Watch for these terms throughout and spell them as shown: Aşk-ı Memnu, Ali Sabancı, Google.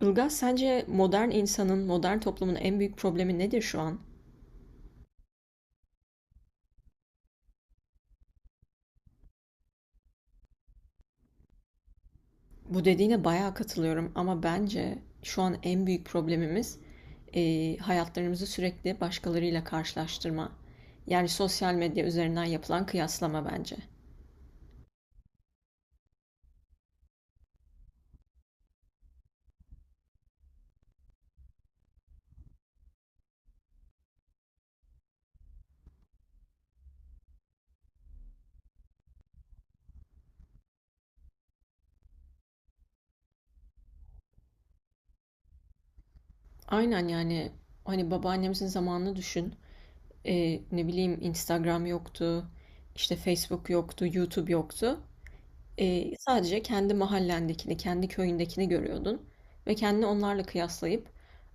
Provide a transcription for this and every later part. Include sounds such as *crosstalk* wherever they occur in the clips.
Ilgaz, sence modern insanın, modern toplumun en büyük problemi nedir şu an? Bu dediğine bayağı katılıyorum ama bence şu an en büyük problemimiz hayatlarımızı sürekli başkalarıyla karşılaştırma. Yani sosyal medya üzerinden yapılan kıyaslama bence. Aynen yani hani babaannemizin zamanını düşün. Ne bileyim Instagram yoktu, işte Facebook yoktu, YouTube yoktu. Sadece kendi mahallendekini, kendi köyündekini görüyordun ve kendini onlarla kıyaslayıp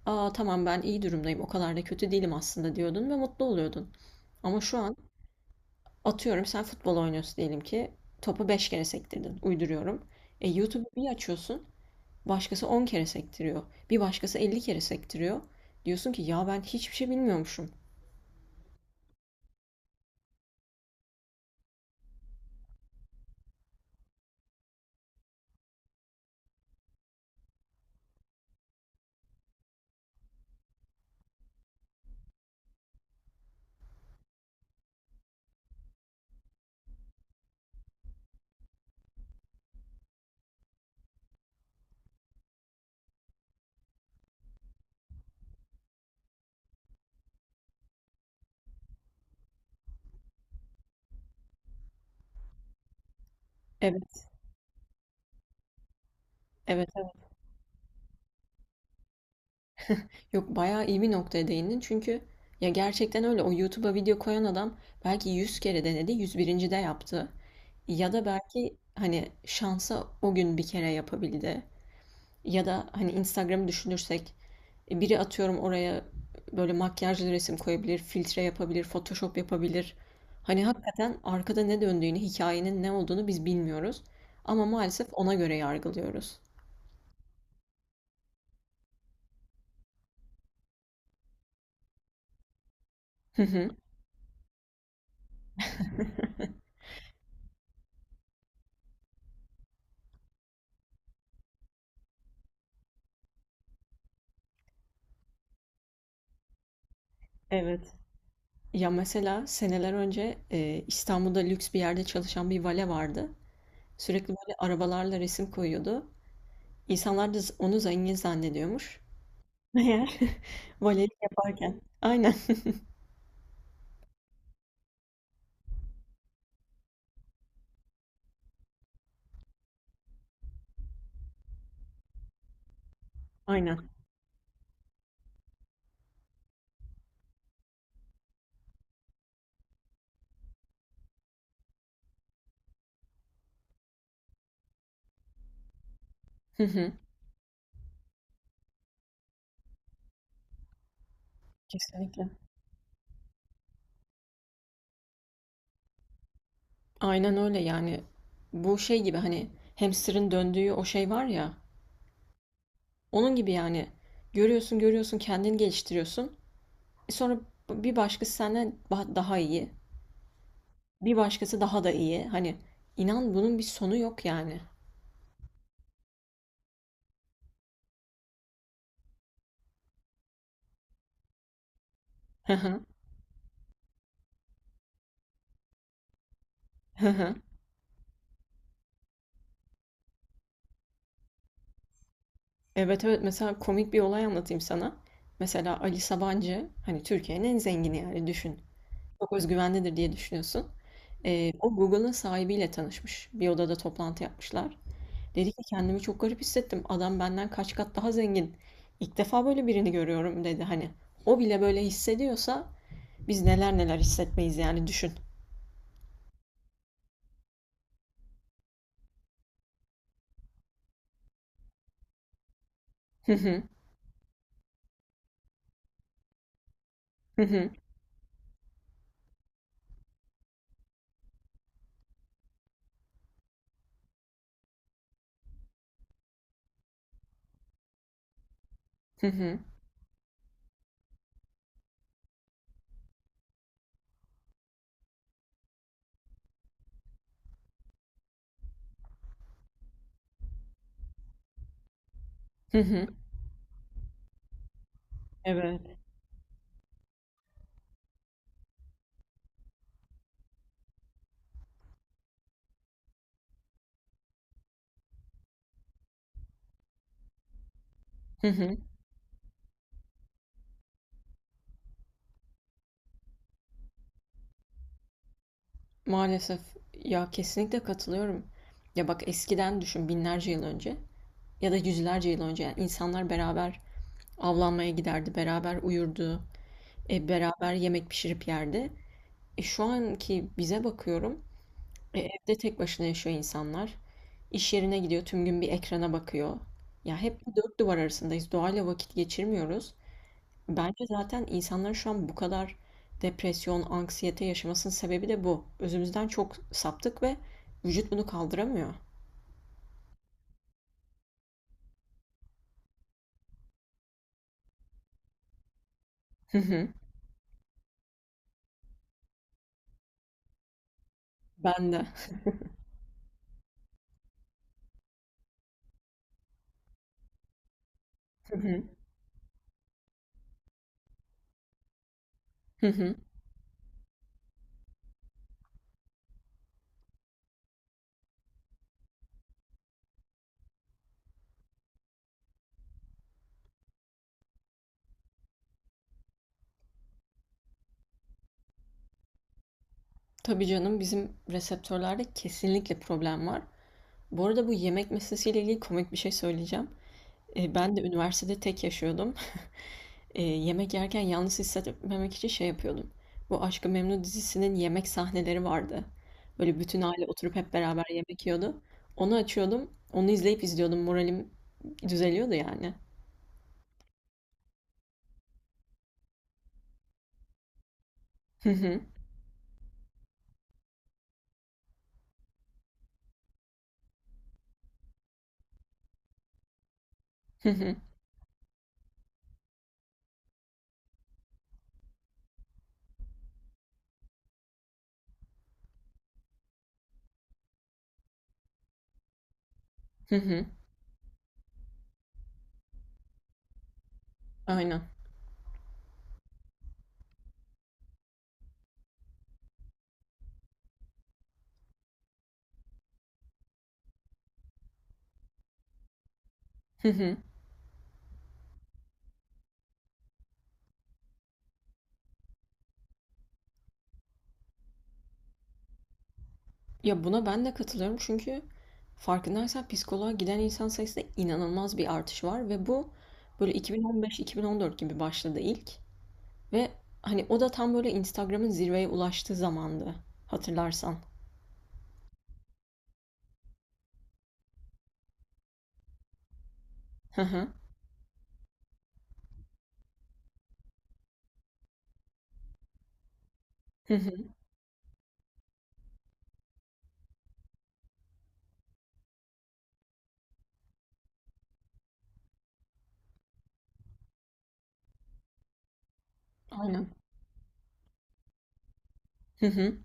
"aa tamam ben iyi durumdayım, o kadar da kötü değilim aslında." diyordun ve mutlu oluyordun. Ama şu an atıyorum sen futbol oynuyorsun diyelim ki topu 5 kere sektirdin, uyduruyorum. YouTube'u bir açıyorsun, başkası 10 kere sektiriyor, bir başkası 50 kere sektiriyor. Diyorsun ki ya ben hiçbir şey bilmiyormuşum. Evet, evet, evet. Yok, bayağı iyi bir noktaya değindin çünkü ya gerçekten öyle, o YouTube'a video koyan adam belki 100 kere denedi, 101. de yaptı. Ya da belki hani şansa o gün bir kere yapabildi. Ya da hani Instagram'ı düşünürsek biri atıyorum oraya böyle makyajlı resim koyabilir, filtre yapabilir, Photoshop yapabilir. Hani hakikaten arkada ne döndüğünü, hikayenin ne olduğunu biz bilmiyoruz. Ama maalesef ona göre yargılıyoruz. Hı hı. Evet. Ya mesela seneler önce İstanbul'da lüks bir yerde çalışan bir vale vardı. Sürekli böyle arabalarla resim koyuyordu. İnsanlar da onu zengin zannediyormuş. Meğer *laughs* valelik yaparken. Aynen. *laughs* Aynen. Hı hı. Kesinlikle. Aynen öyle yani. Bu şey gibi hani hamsterın döndüğü o şey var ya. Onun gibi yani. Görüyorsun görüyorsun kendini geliştiriyorsun. Sonra bir başkası senden daha iyi. Bir başkası daha da iyi. Hani inan bunun bir sonu yok yani. Hı hı. Hı hı. Evet, evet, mesela komik bir olay anlatayım sana. Mesela Ali Sabancı, hani Türkiye'nin en zengini yani, düşün. Çok özgüvenlidir diye düşünüyorsun. O Google'ın sahibiyle tanışmış. Bir odada toplantı yapmışlar. Dedi ki kendimi çok garip hissettim. Adam benden kaç kat daha zengin. İlk defa böyle birini görüyorum dedi hani. O bile böyle hissediyorsa biz neler neler hissetmeyiz yani düşün. Hı hı. Hı hı. Hı hı. Hı hı. Evet. *laughs* Maalesef. Ya kesinlikle katılıyorum. Ya bak eskiden düşün, binlerce yıl önce ya da yüzlerce yıl önce yani insanlar beraber avlanmaya giderdi, beraber uyurdu, beraber yemek pişirip yerdi. Şu anki bize bakıyorum, evde tek başına yaşıyor insanlar. İş yerine gidiyor, tüm gün bir ekrana bakıyor. Ya hep bir dört duvar arasındayız. Doğayla vakit geçirmiyoruz. Bence zaten insanların şu an bu kadar depresyon, anksiyete yaşamasının sebebi de bu. Özümüzden çok saptık ve vücut bunu kaldıramıyor. Hı hı. Ben de. Hı hı. Hı hı. Tabii canım, bizim reseptörlerde kesinlikle problem var. Bu arada bu yemek meselesiyle ilgili komik bir şey söyleyeceğim. Ben de üniversitede tek yaşıyordum. Yemek yerken yalnız hissetmemek için şey yapıyordum. Bu Aşk-ı Memnu dizisinin yemek sahneleri vardı. Böyle bütün aile oturup hep beraber yemek yiyordu. Onu açıyordum. Onu izleyip izliyordum. Moralim düzeliyordu yani. Hı hı. Hı hı. Hı hı. Aynen. Hı hı. Ya buna ben de katılıyorum çünkü farkındaysan psikoloğa giden insan sayısında inanılmaz bir artış var ve bu böyle 2015-2014 gibi başladı ilk ve hani o da tam böyle Instagram'ın zirveye ulaştığı zamandı, hatırlarsan. Hı hı. Hı hı. Aynen. Hı hı.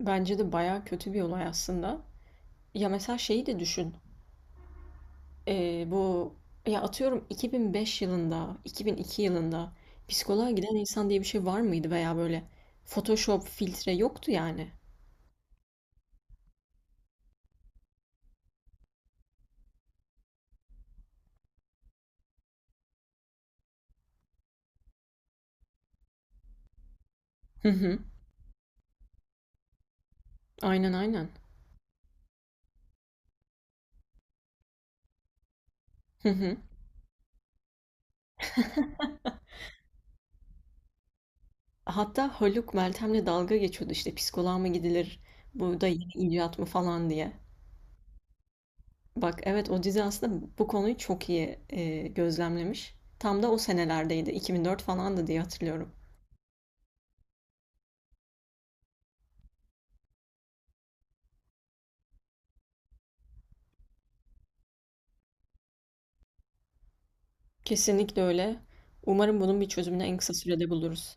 Bence de bayağı kötü bir olay aslında. Ya mesela şeyi de düşün. Bu ya, atıyorum 2005 yılında, 2002 yılında psikoloğa giden insan diye bir şey var mıydı veya böyle Photoshop, filtre yoktu yani. Hı hı. Aynen, aynen. Hı hı. Hatta Haluk Meltem'le dalga geçiyordu, işte psikoloğa mı gidilir, bu da yeni icat mı falan diye. Bak, evet, o dizi aslında bu konuyu çok iyi gözlemlemiş. Tam da o senelerdeydi. 2004 falandı diye hatırlıyorum. Kesinlikle öyle. Umarım bunun bir çözümünü en kısa sürede buluruz.